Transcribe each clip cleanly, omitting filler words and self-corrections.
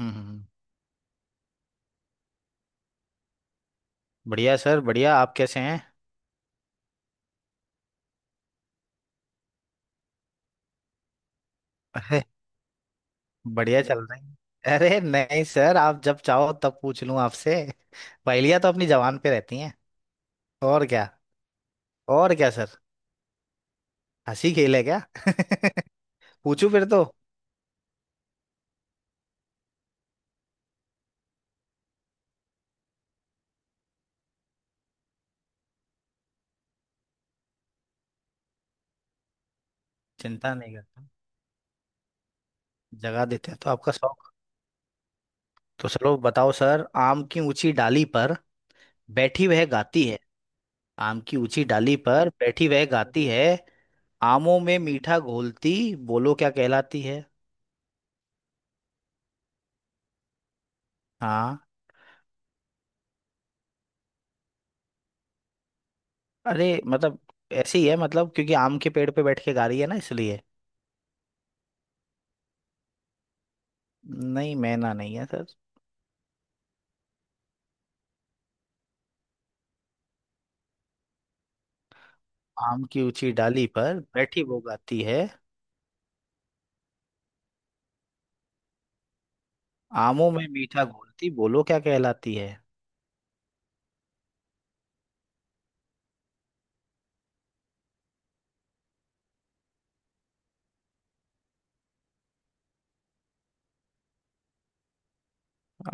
हम्म हम्म, हम्म। बढ़िया सर, बढ़िया। आप कैसे हैं? अरे, बढ़िया चल रहे हैं। अरे नहीं सर, आप जब चाहो तब पूछ लूं आपसे। पहेलियां तो अपनी जबान पे रहती हैं। और क्या। और क्या सर। हंसी खेल है क्या? पूछूं फिर तो। चिंता नहीं करता। जगा देते हैं तो आपका शौक। तो चलो बताओ सर, आम की ऊंची डाली पर बैठी वह गाती है। आम की ऊंची डाली पर बैठी वह गाती है। आमों में मीठा घोलती, बोलो क्या कहलाती है? हाँ। अरे, मतलब ऐसे ही है, मतलब क्योंकि आम के पेड़ पे बैठ के गा रही है ना, इसलिए। नहीं, मैना नहीं है सर। आम की ऊंची डाली पर बैठी वो गाती है। आमों में मीठा घोलती, बोलो क्या कहलाती है?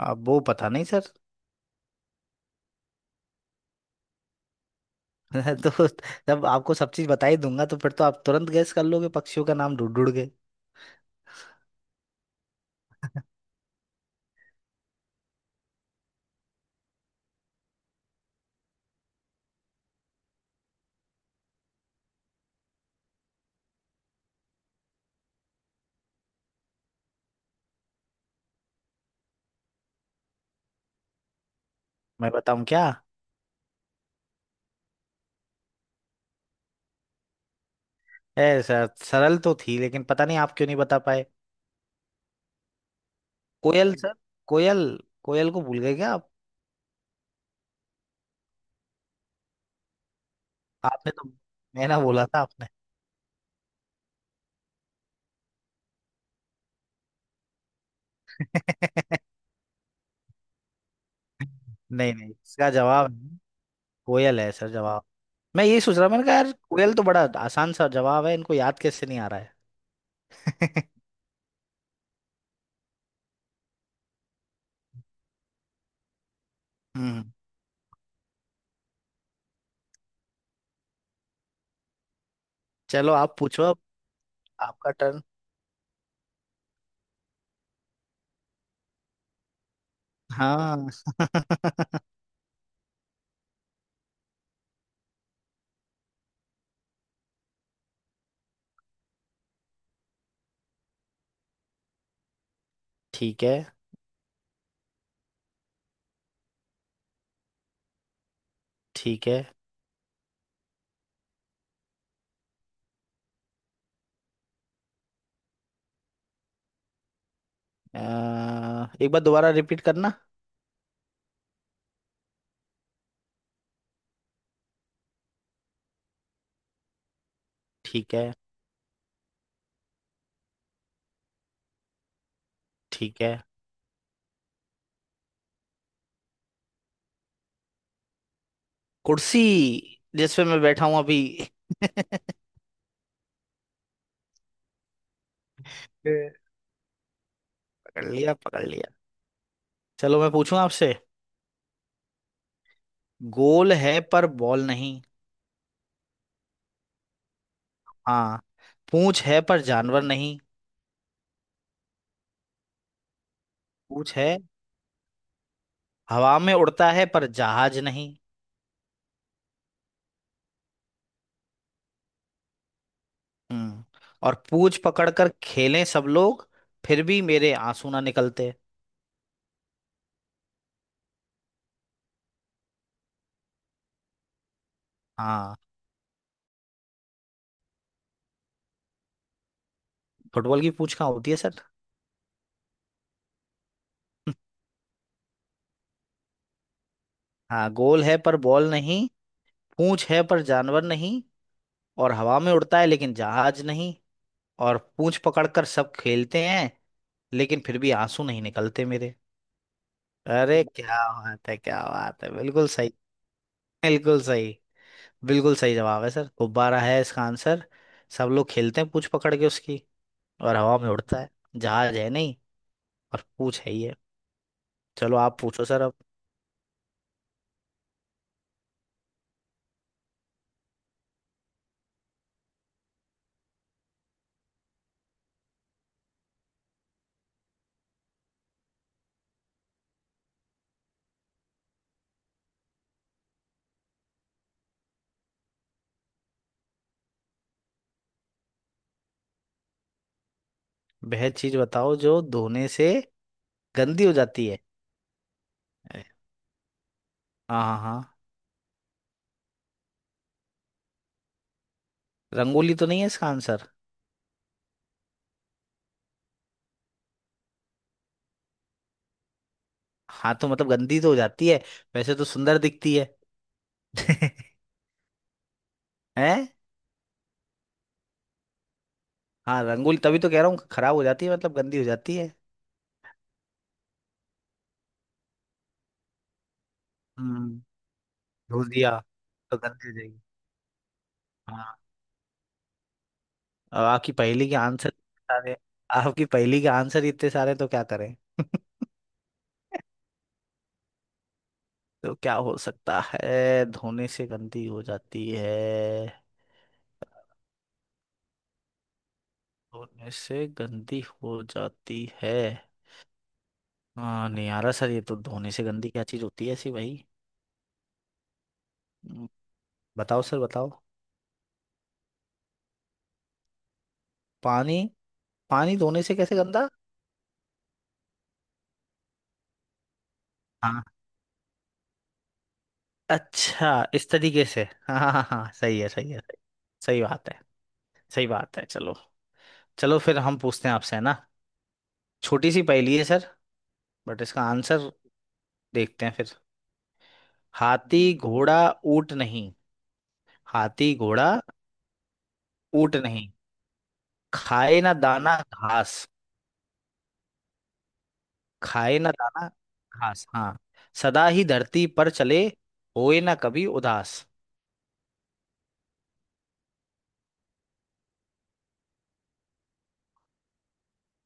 अब वो पता नहीं सर। तो जब आपको सब चीज बता ही दूंगा तो फिर तो आप तुरंत गैस कर लोगे पक्षियों का नाम ढूंढ ढूंढ के। मैं बताऊं क्या? है सर, सरल तो थी लेकिन पता नहीं आप क्यों नहीं बता पाए। कोयल सर। कोयल। कोयल को भूल गए क्या आप? आपने तो मैना बोला था। आपने। नहीं नहीं, इसका जवाब है, कोयल है सर जवाब। मैं यही सोच रहा हूँ, मैंने कहा यार कोयल तो बड़ा आसान सा जवाब है, इनको याद कैसे नहीं आ रहा है? हम्म। चलो आप पूछो अब। आपका टर्न। हाँ। ठीक है। ठीक है। अ, एक बार दोबारा रिपीट करना। ठीक है। ठीक है। कुर्सी, जिसपे मैं बैठा हूं अभी। ए, पकड़ लिया, पकड़ लिया। चलो मैं पूछूं आपसे। गोल है पर बॉल नहीं। हाँ। पूंछ है पर जानवर नहीं। पूंछ है। हवा में उड़ता है पर जहाज नहीं। हम्म। और पूंछ पकड़कर खेलें सब लोग, फिर भी मेरे आंसू ना निकलते। हाँ। फुटबॉल की पूंछ कहाँ होती है सर? हाँ, गोल है पर बॉल नहीं। पूंछ है पर जानवर नहीं। और हवा में उड़ता है लेकिन जहाज नहीं। और पूंछ पकड़कर सब खेलते हैं, लेकिन फिर भी आंसू नहीं निकलते मेरे। अरे क्या बात है, क्या बात है, बिल्कुल सही। बिल्कुल सही। बिल्कुल सही जवाब है सर, गुब्बारा है इसका आंसर। सब लोग खेलते हैं पूंछ पकड़ के उसकी। और हवा में उड़ता है, जहाज है नहीं। और पूछ है ही है। चलो आप पूछो सर अब। वह चीज बताओ जो धोने से गंदी हो जाती है। अरे, हाँ हाँ हाँ। रंगोली तो नहीं है इसका आंसर? हाँ तो मतलब गंदी तो हो जाती है। वैसे तो सुंदर दिखती है। हैं। हाँ, रंगोली तभी तो कह रहा हूँ, खराब हो जाती है, मतलब गंदी हो जाती है। हम्म। धो दिया। तो गंदी हो जाएगी। हाँ। अब आपकी पहेली के आंसर इतने सारे। आपकी पहेली के आंसर इतने सारे, तो क्या करें? तो क्या हो सकता है, धोने से गंदी हो जाती है? धोने से गंदी हो जाती है। हाँ, नहीं आ रहा सर, ये तो धोने से गंदी क्या चीज होती है ऐसी भाई। हम्म, बताओ सर, बताओ। पानी। पानी धोने से कैसे गंदा? हाँ। अच्छा, इस तरीके से। हाँ हाँ हाँ हाँ, सही है, सही है, सही। सही बात है। सही बात है, चलो। चलो फिर हम पूछते हैं आपसे, है ना? छोटी सी पहेली है सर। बट इसका आंसर देखते हैं फिर। हाथी घोड़ा ऊंट नहीं। हाथी घोड़ा ऊंट नहीं। खाए ना दाना घास। खाए ना दाना घास, हाँ। सदा ही धरती पर चले, होए ना कभी उदास।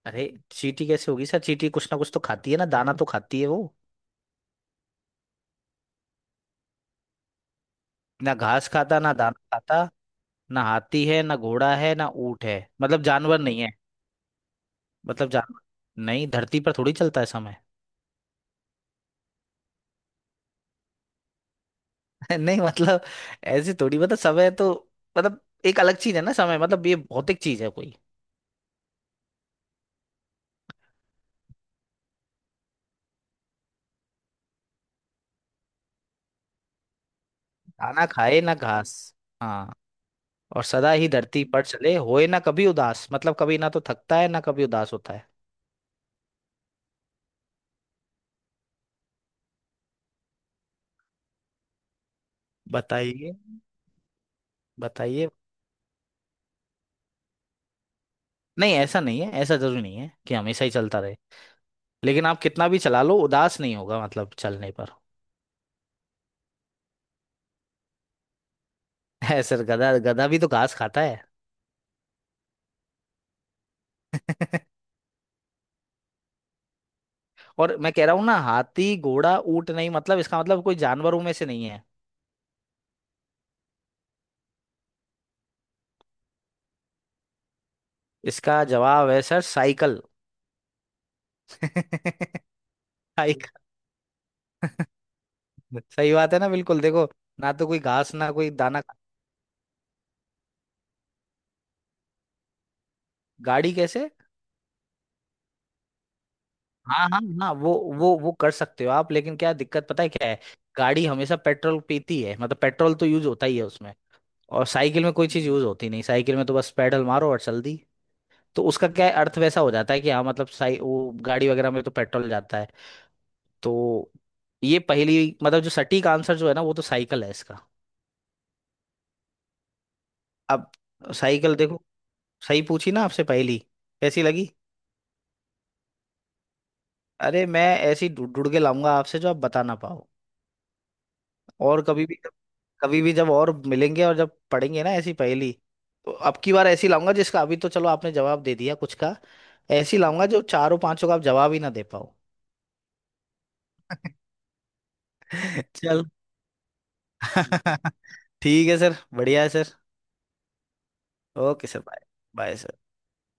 अरे चींटी कैसे होगी सर, चींटी कुछ ना कुछ तो खाती है ना, दाना तो खाती है वो। ना घास खाता, ना दाना खाता। ना हाथी है, ना घोड़ा है, ना ऊंट है, मतलब जानवर नहीं है। मतलब जानवर नहीं, धरती पर थोड़ी चलता है समय। नहीं मतलब, ऐसे थोड़ी, मतलब समय तो, मतलब एक अलग चीज है ना समय, मतलब ये भौतिक चीज है कोई। दाना खाए ना घास, हाँ। और सदा ही धरती पर चले, होए ना कभी उदास, मतलब कभी ना तो थकता है ना कभी उदास होता है। बताइए। बताइए। नहीं, ऐसा नहीं है, ऐसा जरूरी नहीं है कि हमेशा ही चलता रहे। लेकिन आप कितना भी चला लो, उदास नहीं होगा, मतलब चलने पर। है सर गधा। गधा भी तो घास खाता है। और मैं कह रहा हूँ ना, हाथी घोड़ा ऊंट नहीं, मतलब इसका मतलब कोई जानवरों में से नहीं है। इसका जवाब है सर, साइकिल। साइकिल। सही बात है ना, बिल्कुल देखो। ना तो कोई घास, ना कोई दाना गाड़ी कैसे? हाँ हाँ हाँ, वो कर सकते हो आप, लेकिन क्या दिक्कत पता है क्या है? गाड़ी हमेशा पेट्रोल पीती है, मतलब पेट्रोल तो यूज होता ही है उसमें। और साइकिल में कोई चीज यूज होती नहीं, साइकिल में तो बस पैडल मारो और चल दी। तो उसका क्या है, अर्थ वैसा हो जाता है कि हाँ, मतलब साइ वो गाड़ी वगैरह में तो पेट्रोल जाता है। तो ये पहली, मतलब जो सटीक आंसर जो है ना, वो तो साइकिल है इसका। अब साइकिल देखो, सही पूछी ना आपसे पहली? कैसी लगी? अरे, मैं ऐसी ढूंढ ढूंढ के लाऊंगा आपसे, जो आप बता ना पाओ। और कभी भी, कभी भी जब और मिलेंगे और जब पढ़ेंगे ना ऐसी पहेली, तो अब की बार ऐसी लाऊंगा, जिसका अभी तो चलो आपने जवाब दे दिया कुछ का। ऐसी लाऊंगा जो चारों पांचों का आप जवाब ही ना दे पाओ। चल। ठीक है सर, बढ़िया है sir. Okay sir, bye. Bye sir.